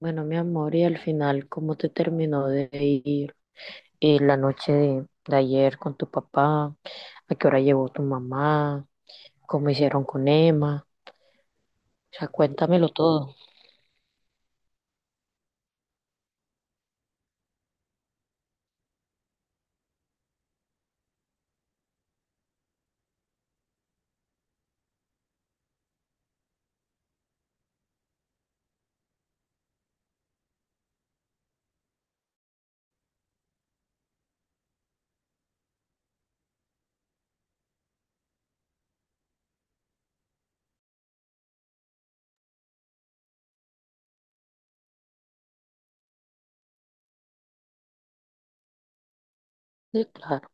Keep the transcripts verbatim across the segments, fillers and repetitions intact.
Bueno, mi amor, y al final, ¿cómo te terminó de ir eh, la noche de, de ayer con tu papá? ¿A qué hora llegó tu mamá? ¿Cómo hicieron con Emma? O sea, cuéntamelo todo. Sí, claro.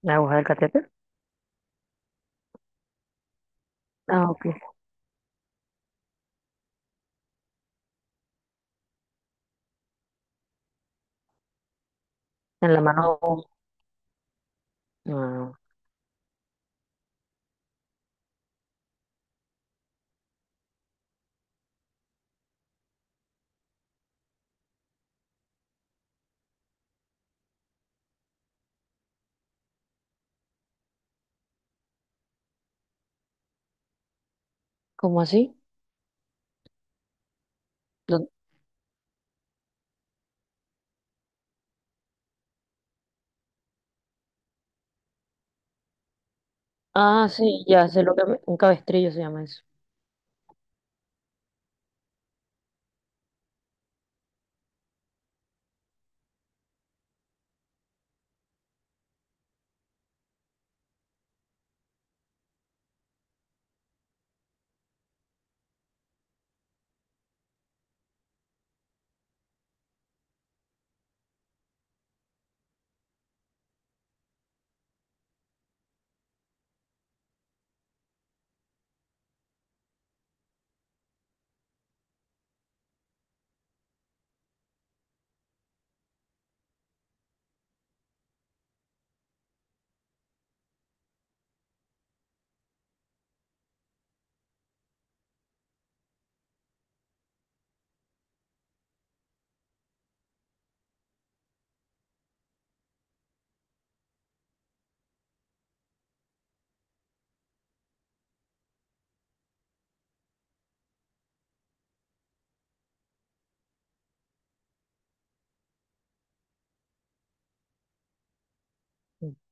¿La aguja del catéter? Ah, ok. En la mano. Ah. ¿Cómo así? ¿Dó- Ah, sí, ya sé lo que me- un cabestrillo se llama eso.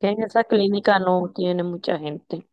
Que en esa clínica no tiene mucha gente.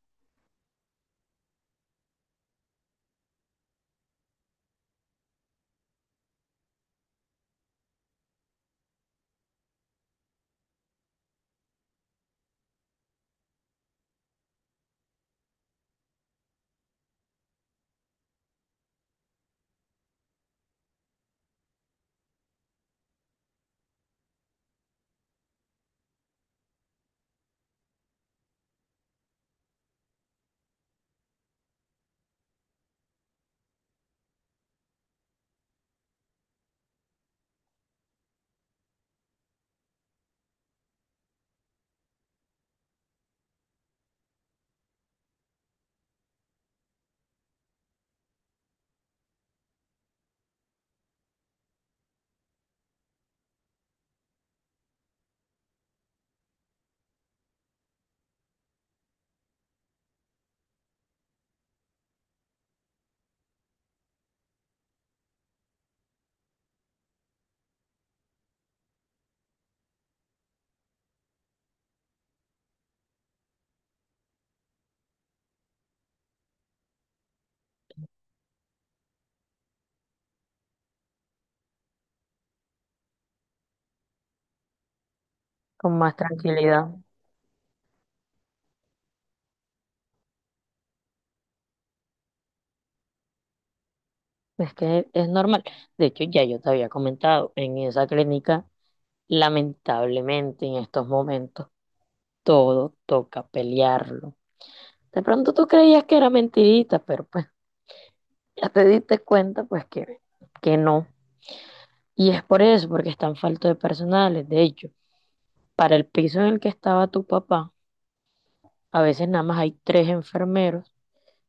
Con más tranquilidad. Es que es normal. De hecho, ya yo te había comentado, en esa clínica, lamentablemente, en estos momentos todo toca pelearlo. De pronto tú creías que era mentirita, pero pues ya te diste cuenta pues que, que no. Y es por eso, porque están faltos de personales. De hecho, para el piso en el que estaba tu papá, a veces nada más hay tres enfermeros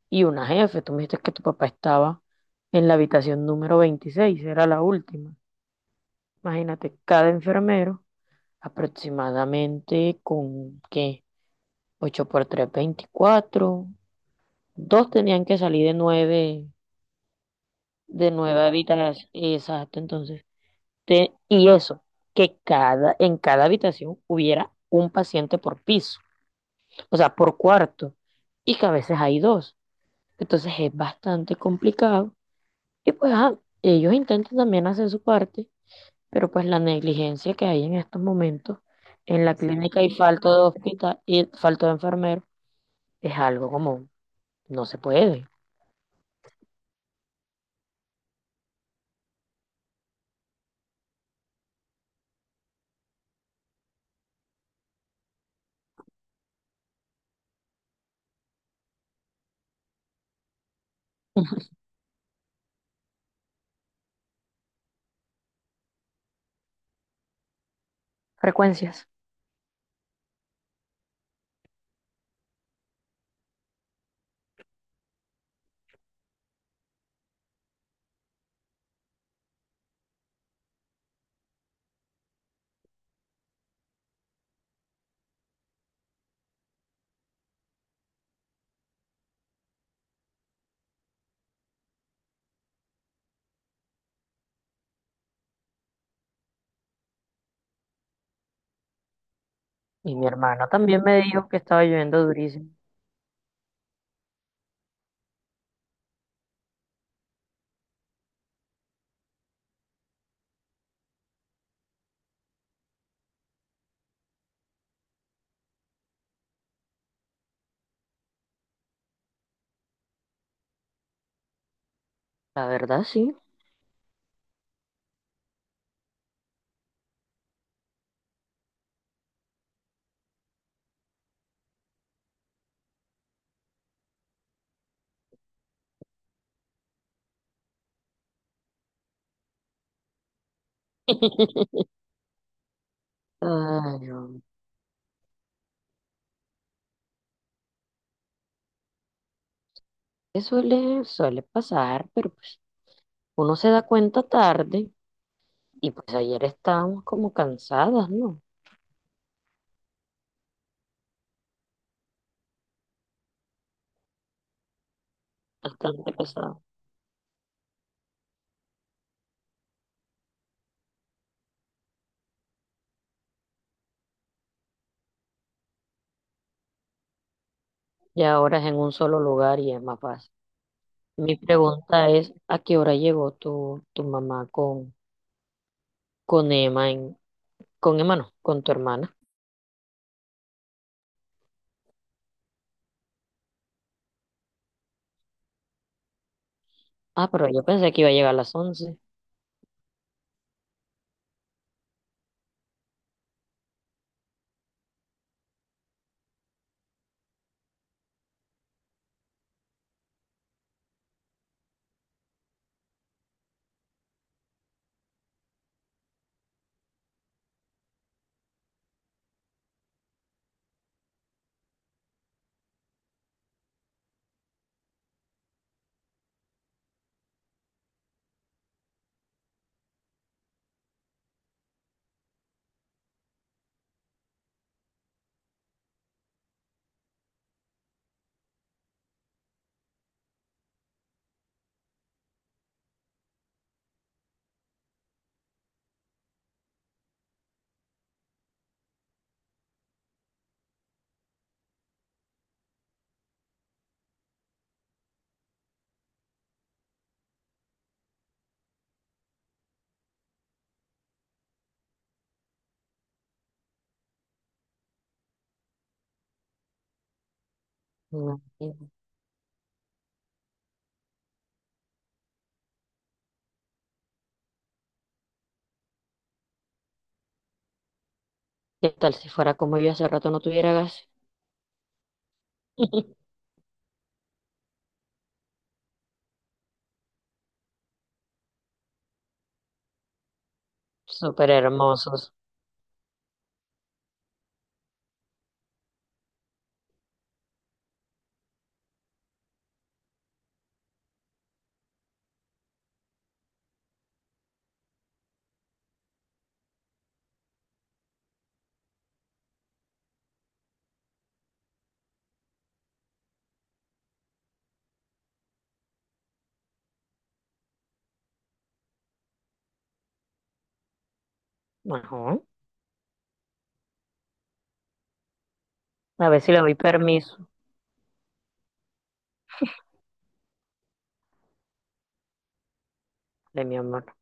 y una jefe. Tú me dijiste que tu papá estaba en la habitación número veintiséis, era la última. Imagínate, cada enfermero aproximadamente con, ¿qué? ocho por tres, veinticuatro. Dos tenían que salir de nueve, de nueve habitaciones. Exacto, entonces. Te- y eso, que cada, en cada habitación hubiera un paciente por piso, o sea, por cuarto, y que a veces hay dos. Entonces es bastante complicado. Y pues ajá, ellos intentan también hacer su parte, pero pues la negligencia que hay en estos momentos en la clínica y falta de hospital y falta de enfermero es algo como no se puede. Frecuencias. Y mi hermana también me dijo que estaba lloviendo durísimo. La verdad, sí. Ay, no. Que suele, suele pasar, pero pues uno se da cuenta tarde y pues ayer estábamos como cansadas, ¿no? Bastante pesadas. Y ahora es en un solo lugar y es más fácil. Mi pregunta es, ¿a qué hora llegó tu, tu mamá con, con Emma, en- con Emma no, con tu hermana? Ah, pero yo pensé que iba a llegar a las once. Imagínate. ¿Qué tal si fuera como yo hace rato no tuviera gas? Súper hermosos. Ajá. A ver si le doy permiso de mi amor.